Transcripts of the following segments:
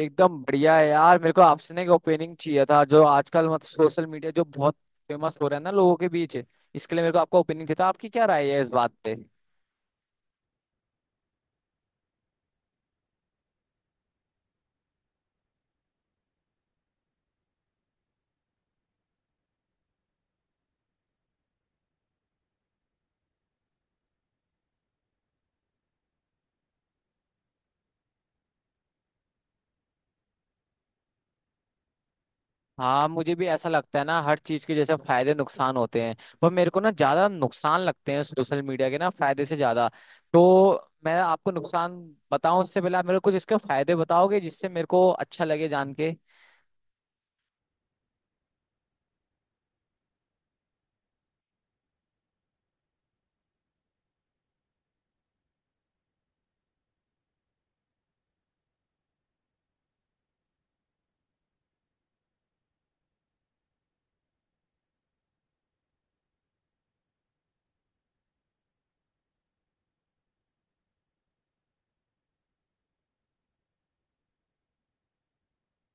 एकदम बढ़िया है यार। मेरे को आपसे ना एक ओपिनियन चाहिए था। जो आजकल सोशल मीडिया जो बहुत फेमस हो रहा है ना लोगों के बीच, इसके लिए मेरे को आपका ओपिनियन चाहिए था। आपकी क्या राय है इस बात पे? हाँ, मुझे भी ऐसा लगता है ना, हर चीज के जैसे फायदे नुकसान होते हैं। पर मेरे को ना ज्यादा नुकसान लगते हैं सोशल मीडिया के ना, फायदे से ज्यादा। तो मैं आपको नुकसान बताऊं उससे पहले आप मेरे को कुछ इसके फायदे बताओगे, जिससे मेरे को अच्छा लगे जान के।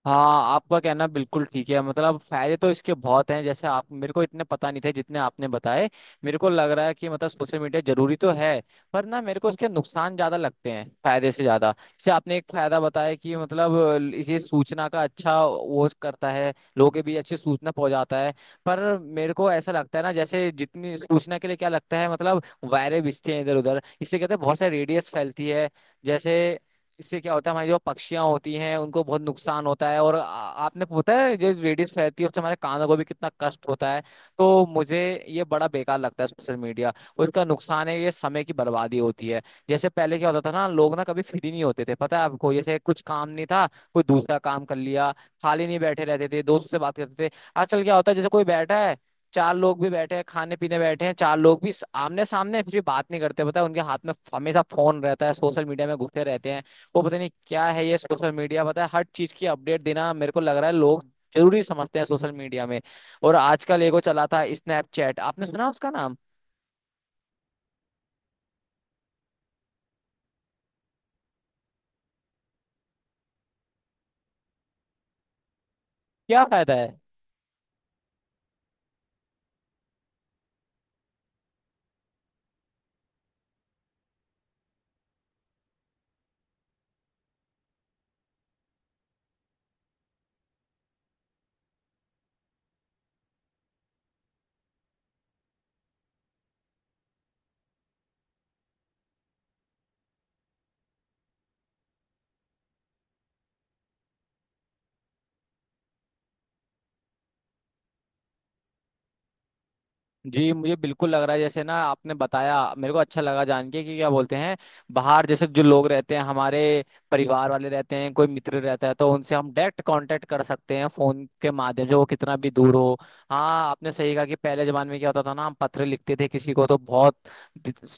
हाँ, आपका कहना बिल्कुल ठीक है। फायदे तो इसके बहुत हैं, जैसे आप मेरे को इतने पता नहीं थे जितने आपने बताए। मेरे को लग रहा है कि सोशल मीडिया जरूरी तो है, पर ना मेरे को इसके नुकसान ज्यादा लगते हैं फायदे से ज्यादा। जैसे आपने एक फायदा बताया कि ये सूचना का अच्छा वो करता है, लोगों के बीच अच्छी सूचना पहुंचाता है। पर मेरे को ऐसा लगता है ना, जैसे जितनी सूचना के लिए क्या लगता है, वायरें बिछते हैं इधर उधर, इससे कहते हैं बहुत सारी रेडियस फैलती है। जैसे इससे क्या होता है, हमारी जो पक्षियां होती हैं उनको बहुत नुकसान होता है। और आपने पता है जो रेडियस फैलती है उससे हमारे कानों को भी कितना कष्ट होता है। तो मुझे ये बड़ा बेकार लगता है सोशल मीडिया। उसका नुकसान है ये समय की बर्बादी होती है। जैसे पहले क्या होता था ना, लोग ना कभी फ्री नहीं होते थे, पता है आपको। जैसे कुछ काम नहीं था, कोई दूसरा काम कर लिया, खाली नहीं बैठे रहते थे, दोस्त से बात करते थे। आजकल क्या होता है, जैसे कोई बैठा है, चार लोग भी बैठे हैं, खाने पीने बैठे हैं चार लोग भी आमने सामने, फिर भी बात नहीं करते पता है, उनके हाथ में हमेशा फोन रहता है, सोशल मीडिया में घुसे रहते हैं। वो पता नहीं क्या है ये सोशल मीडिया, पता है हर चीज की अपडेट देना, मेरे को लग रहा है लोग जरूरी समझते हैं सोशल मीडिया में। और आजकल एगो चला था स्नैपचैट, आपने सुना उसका नाम? क्या फायदा है? जी, मुझे बिल्कुल लग रहा है। जैसे ना आपने बताया, मेरे को अच्छा लगा जान के कि क्या बोलते हैं, बाहर जैसे जो लोग रहते हैं, हमारे परिवार वाले रहते हैं, कोई मित्र रहता है, तो उनसे हम डायरेक्ट कांटेक्ट कर सकते हैं फोन के माध्यम से, वो कितना भी दूर हो। हाँ, आपने सही कहा कि पहले जमाने में क्या होता था ना, हम पत्र लिखते थे किसी को, तो बहुत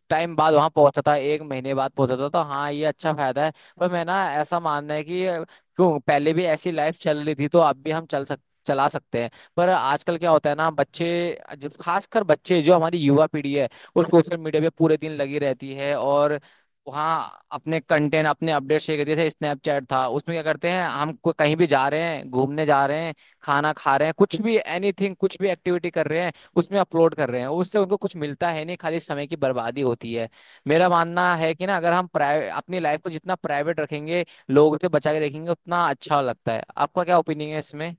टाइम बाद वहां पहुंचता था, 1 महीने बाद पहुंचता था। तो हाँ, ये अच्छा फायदा है। पर मैं ना ऐसा मानना है कि क्यों, पहले भी ऐसी लाइफ चल रही थी तो अब भी हम चल सक चला सकते हैं। पर आजकल क्या होता है ना, बच्चे जब खासकर बच्चे जो हमारी युवा पीढ़ी है, वो सोशल मीडिया पे पूरे दिन लगी रहती है, और वहाँ अपने कंटेंट अपने अपडेट शेयर करते। जैसे स्नैपचैट था, उसमें क्या करते हैं हम, कहीं भी जा रहे हैं, घूमने जा रहे हैं, खाना खा रहे हैं, कुछ भी एनीथिंग, कुछ भी एक्टिविटी कर रहे हैं, उसमें अपलोड कर रहे हैं। उससे उनको कुछ मिलता है नहीं, खाली समय की बर्बादी होती है। मेरा मानना है कि ना अगर हम प्राइवेट, अपनी लाइफ को जितना प्राइवेट रखेंगे, लोगों से बचा के रखेंगे, उतना अच्छा लगता है। आपका क्या ओपिनियन है इसमें?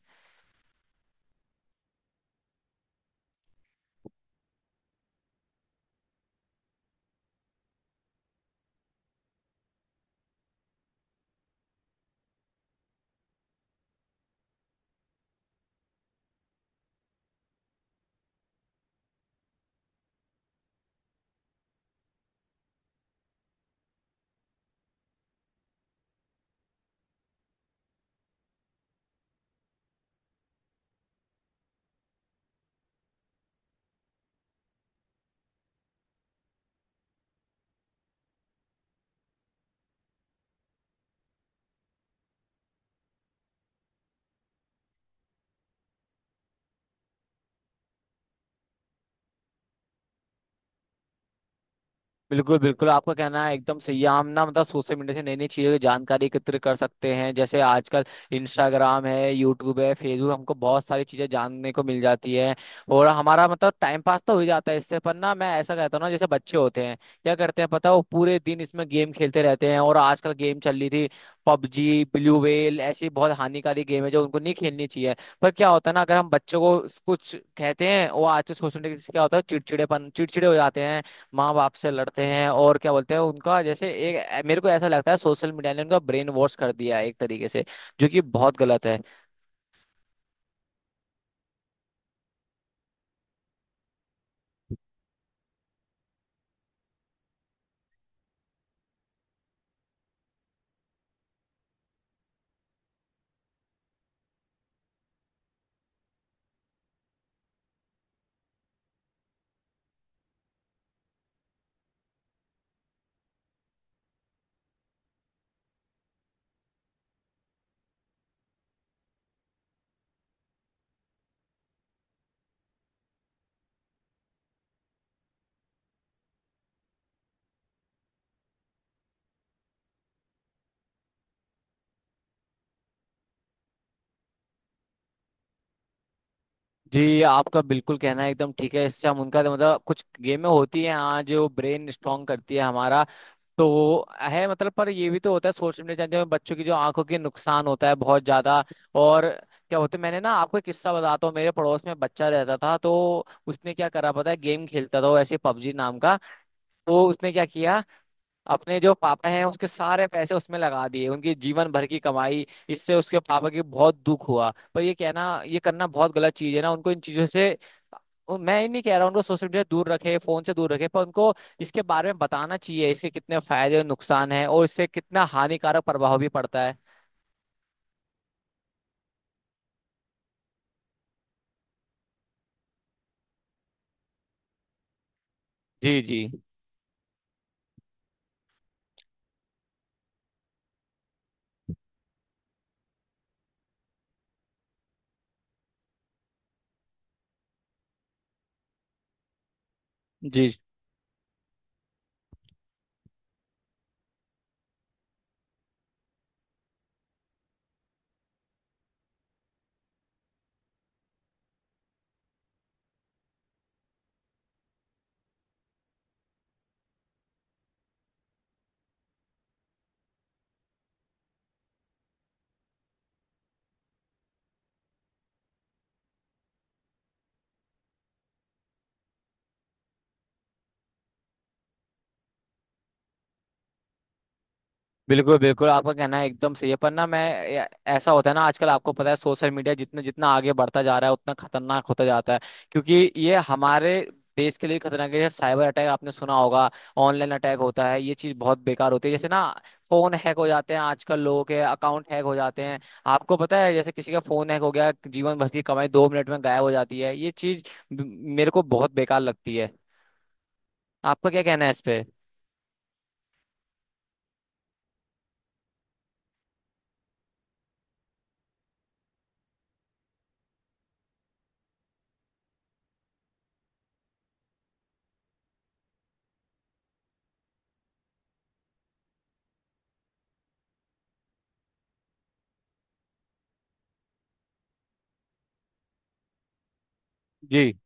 बिल्कुल बिल्कुल, आपका कहना है एकदम सही है। हम ना सोशल मीडिया से नई नई चीज़ों की जानकारी एकत्र कर सकते हैं। जैसे आजकल इंस्टाग्राम है, यूट्यूब है, फेसबुक, हमको बहुत सारी चीज़ें जानने को मिल जाती है, और हमारा टाइम पास तो हो ही जाता है इससे। पर ना मैं ऐसा कहता हूँ ना, जैसे बच्चे होते हैं, क्या करते हैं पता है, वो पूरे दिन इसमें गेम खेलते रहते हैं। और आजकल गेम चल रही थी पबजी, ब्लू वेल, ऐसी बहुत हानिकारी गेम है जो उनको नहीं खेलनी चाहिए। पर क्या होता है ना, अगर हम बच्चों को कुछ कहते हैं, वो आज से सोशल मीडिया से क्या होता है, चिड़चिड़े हो जाते हैं, माँ बाप से लड़ते हैं। और क्या बोलते हैं, उनका जैसे एक, मेरे को ऐसा लगता है सोशल मीडिया ने उनका ब्रेन वॉश कर दिया है एक तरीके से, जो कि बहुत गलत है। जी, आपका बिल्कुल कहना है एकदम ठीक है। इससे हम उनका तो कुछ गेमें होती हैं हाँ, जो ब्रेन स्ट्रांग करती है हमारा, तो वो है। पर ये भी तो होता है सोशल मीडिया, जानते हो बच्चों की जो आंखों के नुकसान होता है बहुत ज्यादा। और क्या होता है, मैंने ना आपको एक किस्सा बताता हूँ। मेरे पड़ोस में बच्चा रहता था, तो उसने क्या करा पता है, गेम खेलता था वो ऐसे पबजी नाम का। तो उसने क्या किया, अपने जो पापा हैं उसके सारे पैसे उसमें लगा दिए, उनकी जीवन भर की कमाई, इससे उसके पापा की बहुत दुख हुआ। पर ये कहना ये करना बहुत गलत चीज है ना। उनको इन चीजों से मैं ही नहीं कह रहा उनको सोशल मीडिया से दूर रखे, फोन से दूर रखे, पर उनको इसके बारे में बताना चाहिए, इसके कितने फायदे और नुकसान है, और इससे कितना हानिकारक प्रभाव भी पड़ता है। जी जी। जी, बिल्कुल बिल्कुल, आपका कहना है एकदम सही है। पर ना मैं ए- ऐसा होता है ना आजकल, आपको पता है सोशल मीडिया जितना जितना आगे बढ़ता जा रहा है उतना खतरनाक होता जाता है। क्योंकि ये हमारे देश के लिए खतरनाक है, जैसे साइबर अटैक आपने सुना होगा, ऑनलाइन अटैक होता है, ये चीज बहुत बेकार होती है। जैसे ना फोन हैक हो जाते हैं आजकल, लोगों के अकाउंट हैक हो जाते हैं। आपको पता है, जैसे किसी का फोन हैक हो गया, जीवन भर की कमाई 2 मिनट में गायब हो जाती है। ये चीज ब- मेरे को बहुत बेकार लगती है। आपका क्या कहना है इस पे? जी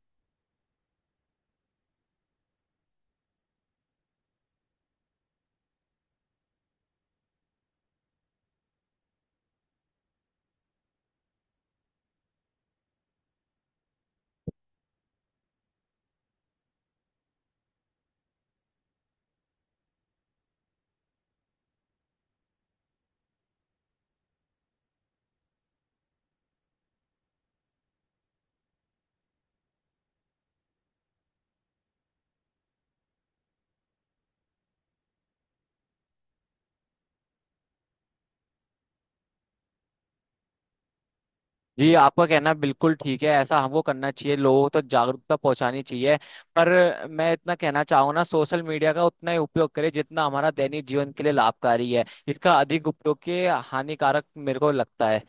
जी, आपका कहना बिल्कुल ठीक है, ऐसा हमको करना चाहिए, लोगों तक जागरूकता पहुंचानी चाहिए। पर मैं इतना कहना चाहूंगा ना, सोशल मीडिया का उतना ही उपयोग करें जितना हमारा दैनिक जीवन के लिए लाभकारी है, इसका अधिक उपयोग के हानिकारक मेरे को लगता है।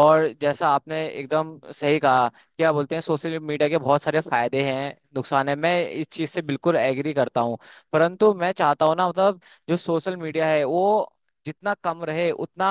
और जैसा आपने एकदम सही कहा, क्या बोलते हैं, सोशल मीडिया के बहुत सारे फायदे हैं, नुकसान है, मैं इस चीज से बिल्कुल एग्री करता हूँ। परंतु मैं चाहता हूँ ना, जो सोशल मीडिया है वो जितना कम रहे उतना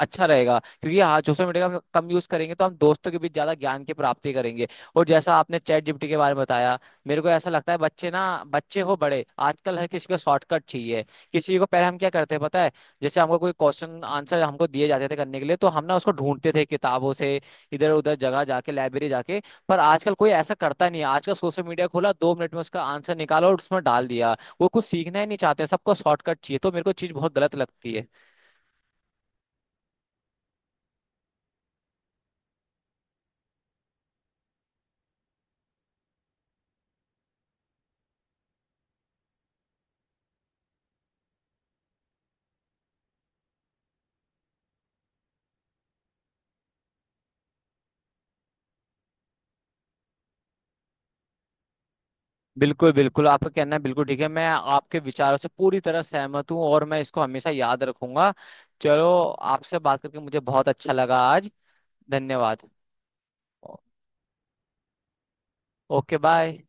अच्छा रहेगा। क्योंकि हाँ, सोशल मीडिया का हम कम यूज करेंगे तो हम दोस्तों के बीच ज्यादा ज्ञान की प्राप्ति करेंगे। और जैसा आपने चैट जीपीटी के बारे में बताया, मेरे को ऐसा लगता है बच्चे हो बड़े, आजकल हर किसी को शॉर्टकट चाहिए। किसी को, पहले हम क्या करते हैं पता है, जैसे हमको कोई क्वेश्चन आंसर हमको दिए जाते थे करने के लिए, तो हम ना उसको ढूंढते थे किताबों से, इधर उधर जगह जाके, लाइब्रेरी जाके। पर आजकल कोई ऐसा करता नहीं है, आजकल सोशल मीडिया खोला, 2 मिनट में उसका आंसर निकाला और उसमें डाल दिया। वो कुछ सीखना ही नहीं चाहते, सबको शॉर्टकट चाहिए, तो मेरे को चीज बहुत गलत लगती है। बिल्कुल बिल्कुल, आपका कहना है बिल्कुल ठीक है। मैं आपके विचारों से पूरी तरह सहमत हूँ और मैं इसको हमेशा याद रखूंगा। चलो, आपसे बात करके मुझे बहुत अच्छा लगा आज। धन्यवाद। ओ- ओके, बाय।